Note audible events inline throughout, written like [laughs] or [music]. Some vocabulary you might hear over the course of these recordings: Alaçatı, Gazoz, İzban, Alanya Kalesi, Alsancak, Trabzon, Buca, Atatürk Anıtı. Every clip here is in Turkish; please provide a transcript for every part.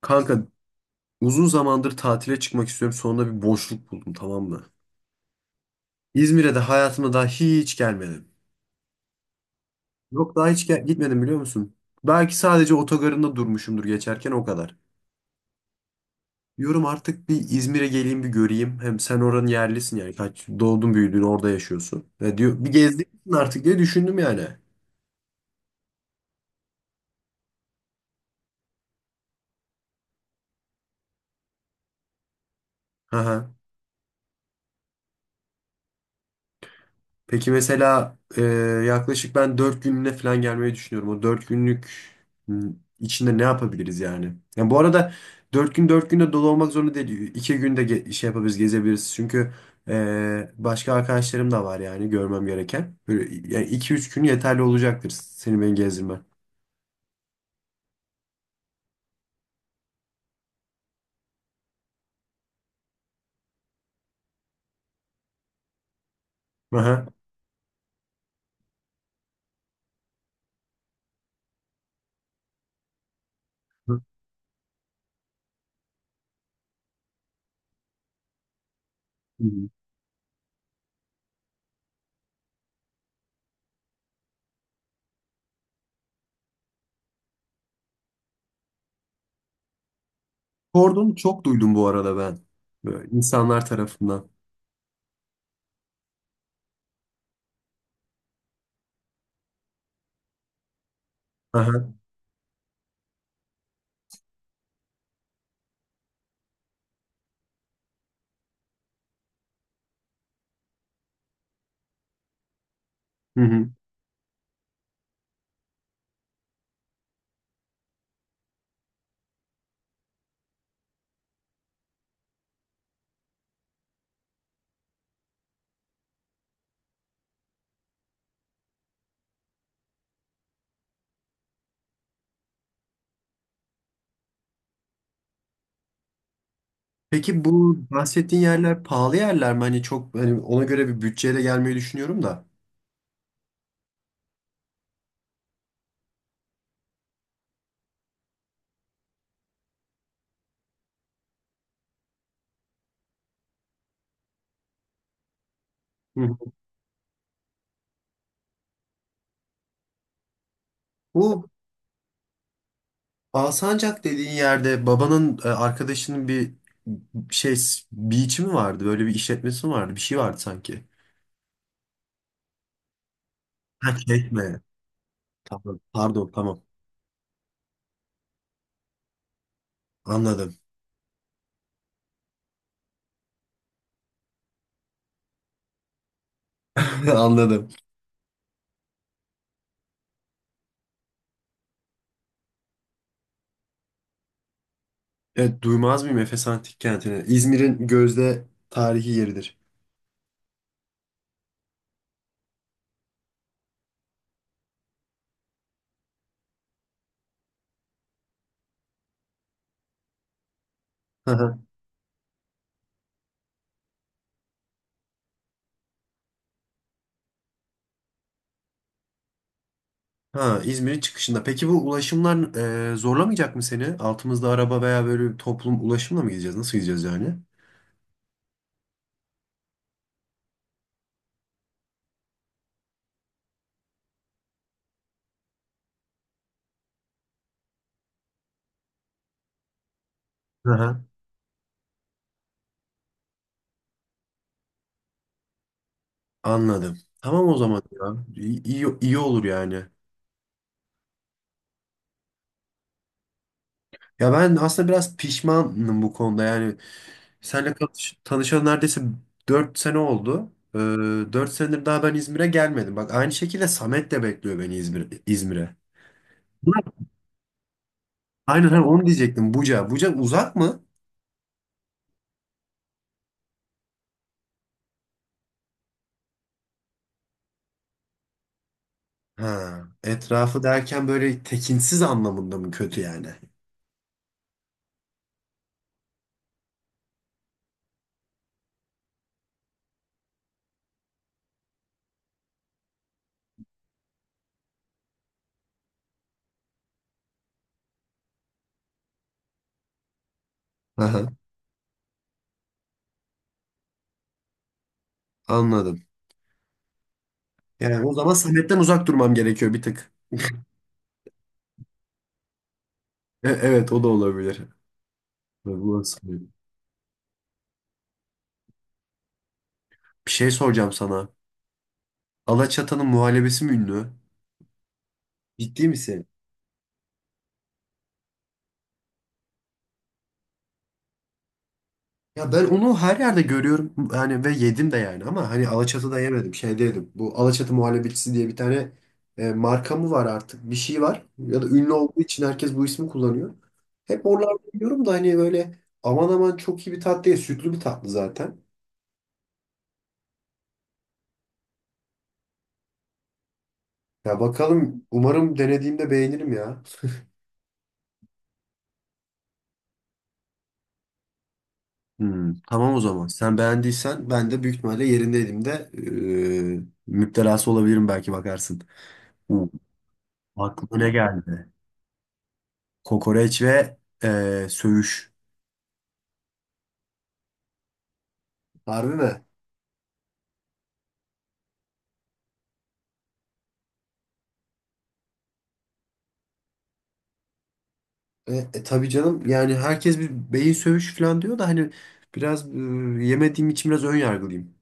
Kanka uzun zamandır tatile çıkmak istiyorum. Sonunda bir boşluk buldum, tamam mı? İzmir'e de hayatımda daha hiç gelmedim. Yok, daha hiç gitmedim, biliyor musun? Belki sadece otogarında durmuşumdur geçerken, o kadar. Diyorum artık bir İzmir'e geleyim, bir göreyim. Hem sen oranın yerlisin yani. Kaç doğdun büyüdün, orada yaşıyorsun. Ve diyor bir gezdin artık diye düşündüm yani. Aha. Peki mesela, yaklaşık ben 4 günlüğüne falan gelmeyi düşünüyorum. O 4 günlük m, içinde ne yapabiliriz yani? Yani bu arada 4 gün, 4 günde dolu olmak zorunda değil. İki günde şey yapabiliriz, gezebiliriz. Çünkü başka arkadaşlarım da var yani, görmem gereken. Böyle, yani iki üç gün yeterli olacaktır seni beni gezdirmen. Aha. Hı. Kordonu çok duydum bu arada ben. Böyle insanlar tarafından. Aha. Hı hı. Peki bu bahsettiğin yerler pahalı yerler mi? Hani çok, hani ona göre bir bütçeyle gelmeyi düşünüyorum da. Hı hı. Bu Alsancak dediğin yerde babanın arkadaşının bir şey, beach'i mi vardı? Böyle bir işletmesi mi vardı? Bir şey vardı sanki. Ha, çekme. Tamam. Pardon, tamam. Anladım. [laughs] Anladım. Evet, duymaz mıyım Efes Antik Kenti'ni? İzmir'in gözde tarihi yeridir. [laughs] Ha, İzmir'in çıkışında. Peki bu ulaşımlar zorlamayacak mı seni? Altımızda araba, veya böyle bir toplum ulaşımla mı gideceğiz? Nasıl gideceğiz yani? Hı hı. Anladım. Tamam, o zaman ya. İyi, iyi, iyi olur yani. Ya ben aslında biraz pişmanım bu konuda. Yani seninle tanışalı neredeyse 4 sene oldu. 4 senedir daha ben İzmir'e gelmedim. Bak, aynı şekilde Samet de bekliyor beni İzmir'e. Ulan, aynen hani onu diyecektim. Buca. Buca uzak mı? Ha, etrafı derken böyle tekinsiz anlamında mı kötü yani? Aha, anladım. Yani o zaman Samet'ten uzak durmam gerekiyor bir tık. Evet, o da olabilir. Bu nasıl Bir şey soracağım sana. Alaçatı'nın muhallebisi mi ünlü? Ciddi misin? Ya ben onu her yerde görüyorum yani, ve yedim de yani, ama hani Alaçatı'da yemedim, şeyde yedim. Bu Alaçatı muhallebicisi diye bir tane marka mı var artık, bir şey var, ya da ünlü olduğu için herkes bu ismi kullanıyor. Hep oralarda yiyorum da hani, böyle aman aman çok iyi bir tatlı değil, sütlü bir tatlı zaten. Ya bakalım, umarım denediğimde beğenirim ya. Tamam, o zaman sen beğendiysen ben de büyük ihtimalle yerindeydim de, e, müptelası olabilirim, belki bakarsın. Hmm, aklıma ne geldi? Kokoreç ve söğüş. Harbi mi? Tabii canım yani, herkes bir beyin sövüş falan diyor da hani biraz, yemediğim için biraz ön yargılıyım.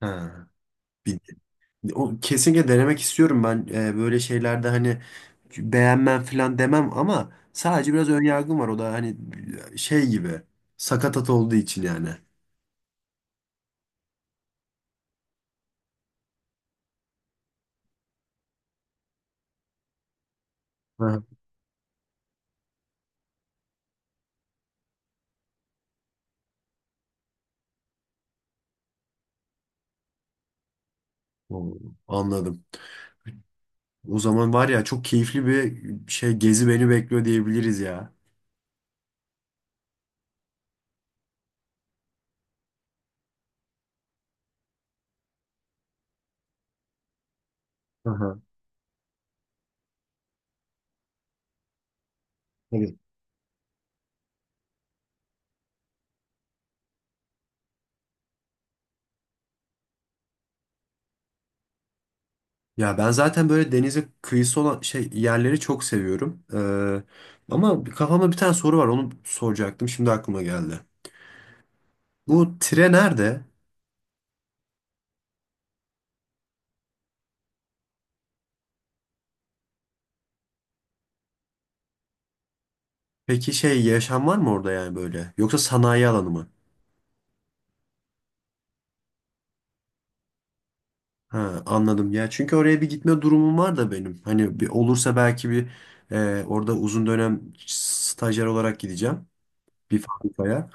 Ha. Bir- kesinlikle denemek istiyorum ben, böyle şeylerde hani beğenmem falan demem, ama sadece biraz ön yargım var, o da hani şey gibi, sakatat olduğu için yani. Ha. O, anladım. O zaman var ya, çok keyifli bir şey, gezi beni bekliyor diyebiliriz ya. Aha. Ya ben zaten böyle denize kıyısı olan şey yerleri çok seviyorum. Ama kafamda bir tane soru var, onu soracaktım, şimdi aklıma geldi. Bu tire nerede? Peki şey, yaşam var mı orada yani, böyle? Yoksa sanayi alanı mı? Ha, anladım ya, çünkü oraya bir gitme durumum var da benim. Hani bir olursa belki bir, orada uzun dönem stajyer olarak gideceğim bir fabrikaya.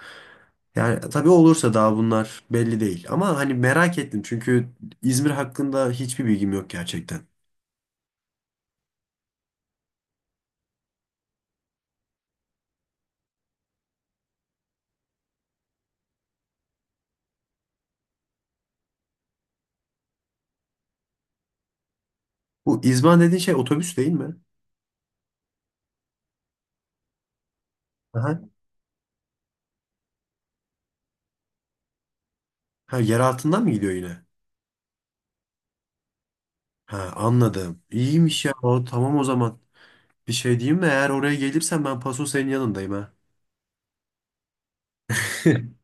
Yani tabii olursa, daha bunlar belli değil. Ama hani merak ettim çünkü İzmir hakkında hiçbir bilgim yok gerçekten. Bu İzban dediğin şey otobüs değil mi? Aha. Ha, yer altından mı gidiyor yine? Ha, anladım. İyiymiş ya. O, tamam o zaman. Bir şey diyeyim mi? Eğer oraya gelirsen ben paso senin yanındayım ha. [laughs]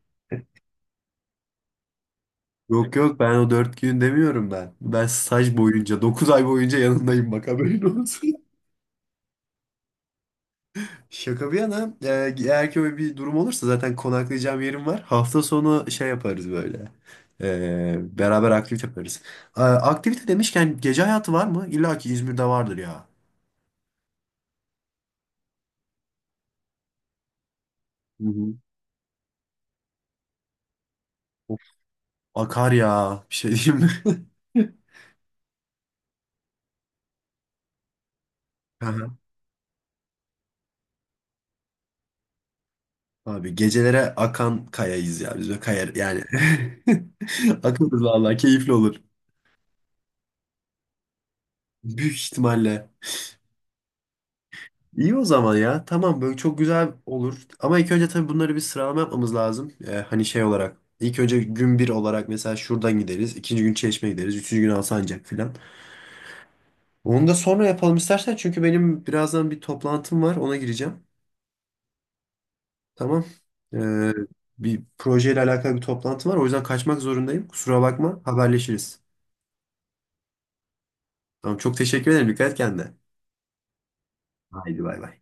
Yok yok, ben o dört gün demiyorum ben. Ben staj boyunca, dokuz ay boyunca yanındayım, bak haberin olsun. [laughs] Şaka bir yana, eğer ki öyle bir durum olursa zaten konaklayacağım yerim var. Hafta sonu şey yaparız, böyle. Beraber aktivite yaparız. Aktivite demişken, gece hayatı var mı? İlla ki İzmir'de vardır ya. Hı hı. Akar ya. Bir şey diyeyim mi? [laughs] Aha. Abi, gecelere akan kayayız ya biz, böyle kayar yani. [laughs] Akıllı valla, keyifli olur. Büyük ihtimalle. İyi o zaman ya. Tamam, böyle çok güzel olur. Ama ilk önce tabii bunları bir sıralama yapmamız lazım. Hani şey olarak. İlk önce gün bir olarak mesela şuradan gideriz. İkinci gün Çeşme gideriz. Üçüncü gün Alsancak filan. Onu da sonra yapalım istersen. Çünkü benim birazdan bir toplantım var. Ona gireceğim. Tamam. Ee, bir projeyle alakalı bir toplantı var. O yüzden kaçmak zorundayım. Kusura bakma. Haberleşiriz. Tamam. Çok teşekkür ederim. Dikkat et kendine. Haydi bay bay.